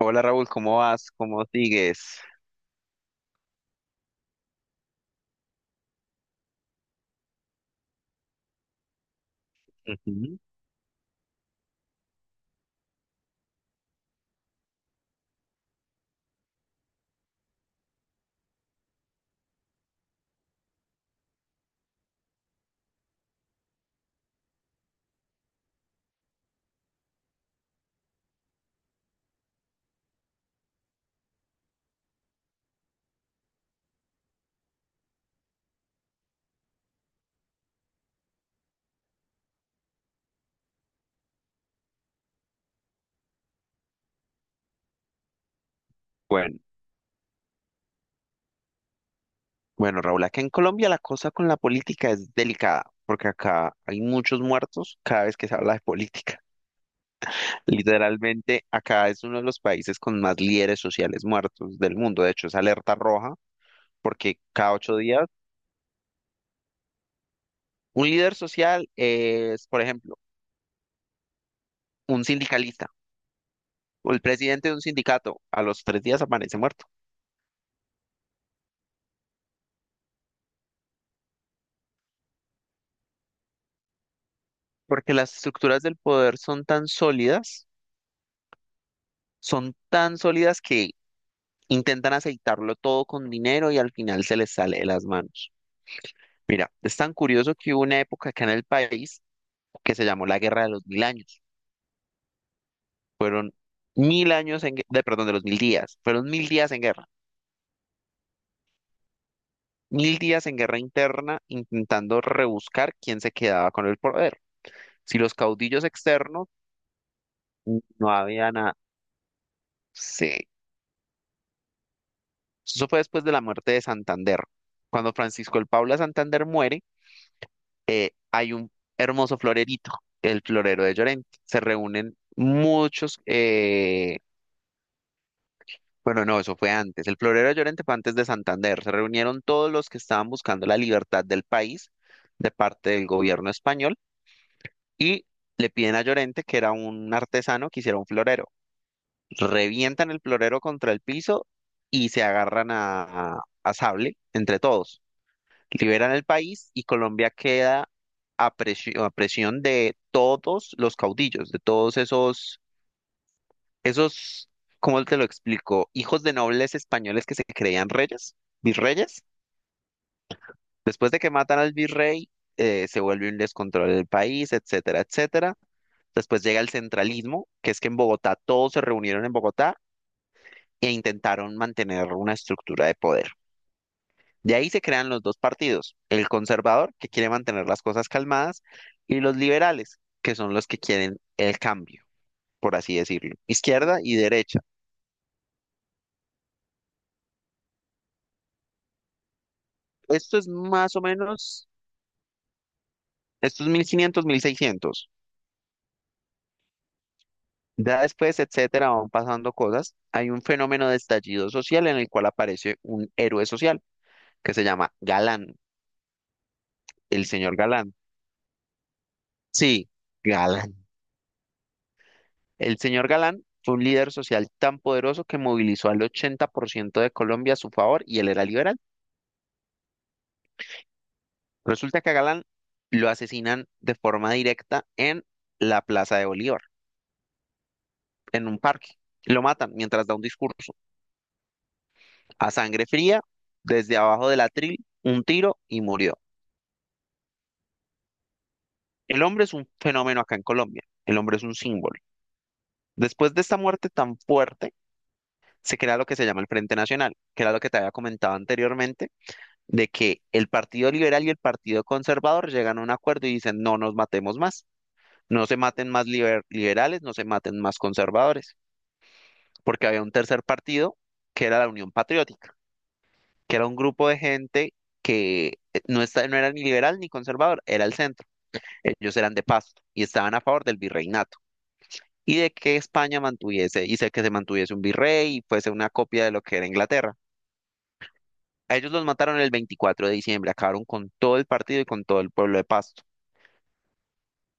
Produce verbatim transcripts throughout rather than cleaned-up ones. Hola Raúl, ¿cómo vas? ¿Cómo sigues? Ujú. Bueno, bueno Raúl, acá en Colombia la cosa con la política es delicada, porque acá hay muchos muertos cada vez que se habla de política. Literalmente, acá es uno de los países con más líderes sociales muertos del mundo. De hecho, es alerta roja, porque cada ocho días un líder social es, por ejemplo, un sindicalista o el presidente de un sindicato. A los tres días aparece muerto, porque las estructuras del poder son tan sólidas, son tan sólidas que intentan aceitarlo todo con dinero y al final se les sale de las manos. Mira, es tan curioso que hubo una época acá en el país que se llamó la Guerra de los Mil Años. Fueron mil años en, gue- de, perdón, de los mil días. Fueron mil días en guerra. Mil días en guerra interna intentando rebuscar quién se quedaba con el poder. Si los caudillos externos no había nada. Sí. Eso fue después de la muerte de Santander. Cuando Francisco el Paula Santander muere, hay un hermoso florerito, el florero de Llorente. Se reúnen muchos, eh, bueno, no, eso fue antes. El florero de Llorente fue antes de Santander. Se reunieron todos los que estaban buscando la libertad del país de parte del gobierno español y le piden a Llorente, que era un artesano, que hiciera un florero. Revientan el florero contra el piso y se agarran a, a sable entre todos. Liberan el país y Colombia queda a presión, a presión de todos los caudillos, de todos esos, esos, ¿cómo te lo explico? Hijos de nobles españoles que se creían reyes, virreyes. Después de que matan al virrey, eh, se vuelve un descontrol del país, etcétera, etcétera. Después llega el centralismo, que es que en Bogotá todos se reunieron en Bogotá e intentaron mantener una estructura de poder. De ahí se crean los dos partidos, el conservador, que quiere mantener las cosas calmadas, y los liberales, que son los que quieren el cambio, por así decirlo, izquierda y derecha. Esto es más o menos, estos mil quinientos, mil seiscientos. Ya después, etcétera, van pasando cosas. Hay un fenómeno de estallido social en el cual aparece un héroe social que se llama Galán, el señor Galán. Sí, Galán. El señor Galán fue un líder social tan poderoso que movilizó al ochenta por ciento de Colombia a su favor y él era liberal. Resulta que a Galán lo asesinan de forma directa en la Plaza de Bolívar, en un parque. Lo matan mientras da un discurso. A sangre fría, desde abajo del atril, un tiro y murió. El hombre es un fenómeno acá en Colombia. El hombre es un símbolo. Después de esta muerte tan fuerte, se crea lo que se llama el Frente Nacional, que era lo que te había comentado anteriormente de que el Partido Liberal y el Partido Conservador llegan a un acuerdo y dicen, no nos matemos más, no se maten más liber- liberales, no se maten más conservadores, porque había un tercer partido que era la Unión Patriótica, que era un grupo de gente que eh, no, está, no era ni liberal ni conservador, era el centro, ellos eran de Pasto y estaban a favor del virreinato y de que España mantuviese, y sé que se mantuviese un virrey y fuese una copia de lo que era Inglaterra. A ellos los mataron el veinticuatro de diciembre, acabaron con todo el partido y con todo el pueblo de Pasto.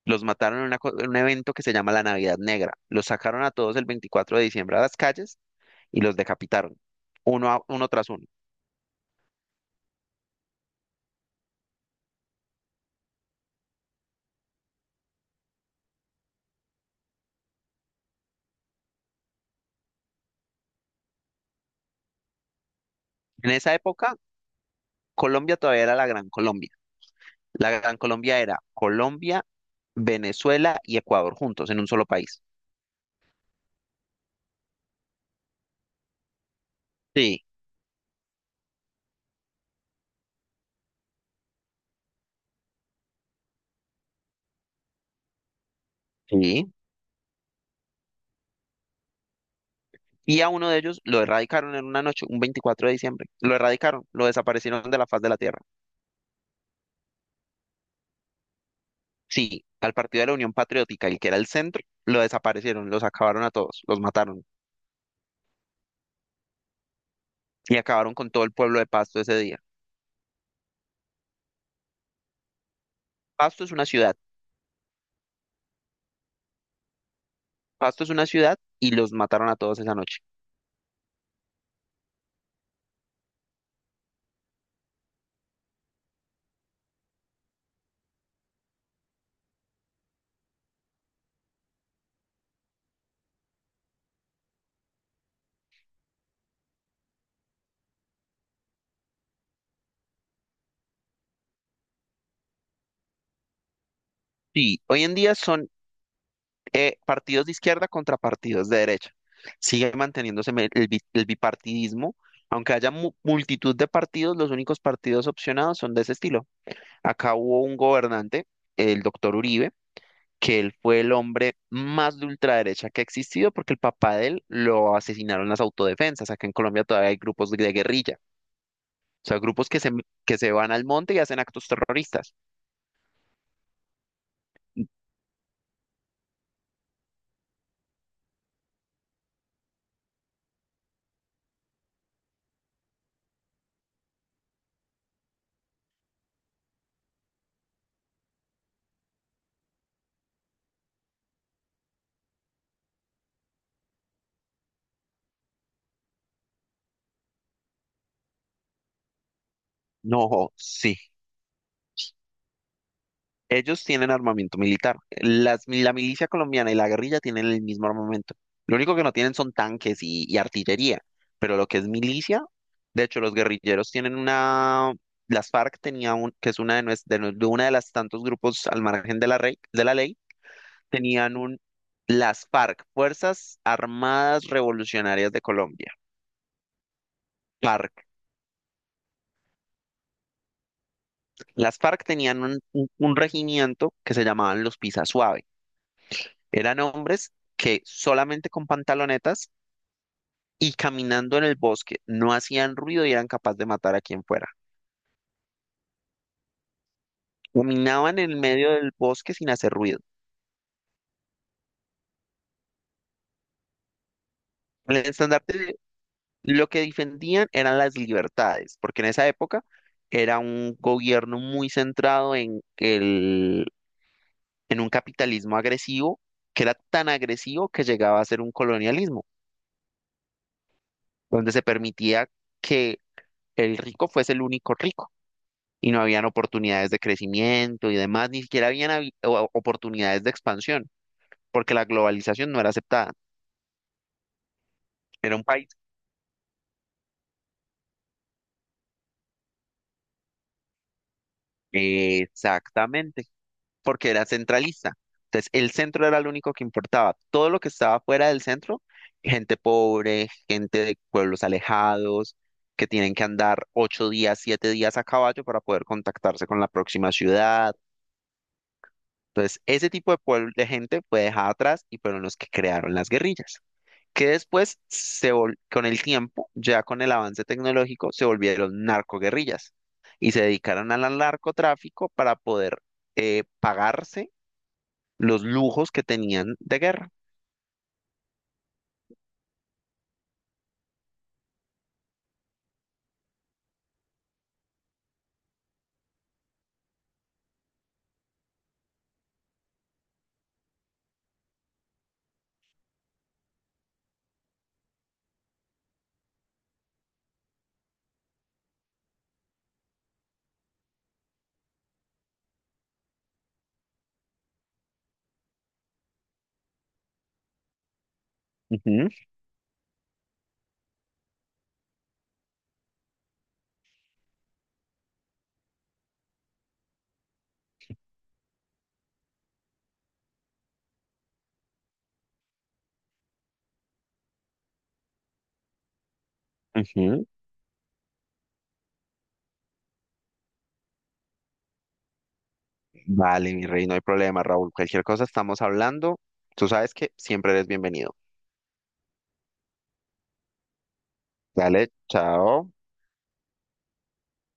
Los mataron en, una co- en un evento que se llama la Navidad Negra. Los sacaron a todos el veinticuatro de diciembre a las calles y los decapitaron, uno, a- uno tras uno. En esa época, Colombia todavía era la Gran Colombia. La Gran Colombia era Colombia, Venezuela y Ecuador juntos en un solo país. Sí, sí. Y a uno de ellos lo erradicaron en una noche, un veinticuatro de diciembre. Lo erradicaron, lo desaparecieron de la faz de la tierra. Sí, al Partido de la Unión Patriótica, el que era el centro, lo desaparecieron, los acabaron a todos, los mataron y acabaron con todo el pueblo de Pasto ese día. Pasto es una ciudad. Pasto es una ciudad y los mataron a todos esa noche. Sí, hoy en día son eh, partidos de izquierda contra partidos de derecha. Sigue manteniéndose me- el, bi- el bipartidismo. Aunque haya mu- multitud de partidos, los únicos partidos opcionados son de ese estilo. Acá hubo un gobernante, el doctor Uribe, que él fue el hombre más de ultraderecha que ha existido porque el papá de él lo asesinaron las autodefensas. Acá en Colombia todavía hay grupos de guerrilla, o sea, grupos que se, que se van al monte y hacen actos terroristas. No, sí. Ellos tienen armamento militar. Las, la milicia colombiana y la guerrilla tienen el mismo armamento. Lo único que no tienen son tanques y, y artillería, pero lo que es milicia, de hecho, los guerrilleros tienen una, las F A R C tenía un, que es una de, nues- de, nu- de una de las tantos grupos al margen de la rey, de la ley, tenían un, las F A R C, Fuerzas Armadas Revolucionarias de Colombia, F A R C. Las F A R C tenían un, un, un regimiento que se llamaban los Pisa. Eran hombres que solamente con pantalonetas y caminando en el bosque no hacían ruido y eran capaces de matar a quien fuera. Caminaban en el medio del bosque sin hacer ruido. El estandarte, de- lo que defendían eran las libertades, porque en esa época era un gobierno muy centrado en el, en un capitalismo agresivo, que era tan agresivo que llegaba a ser un colonialismo, donde se permitía que el rico fuese el único rico. Y no habían oportunidades de crecimiento y demás, ni siquiera habían habi- o- oportunidades de expansión, porque la globalización no era aceptada. Era un país. Exactamente, porque era centralista. Entonces, el centro era lo único que importaba. Todo lo que estaba fuera del centro, gente pobre, gente de pueblos alejados, que tienen que andar ocho días, siete días a caballo para poder contactarse con la próxima ciudad. Entonces, ese tipo de pueblo, de gente fue dejada atrás y fueron los que crearon las guerrillas, que después, se vol- con el tiempo, ya con el avance tecnológico, se volvieron narcoguerrillas y se dedicaron al narcotráfico para poder eh, pagarse los lujos que tenían de guerra. Ujú, ujú. Vale, mi rey, no hay problema, Raúl. Cualquier cosa estamos hablando. Tú sabes que siempre eres bienvenido. Dale, chao.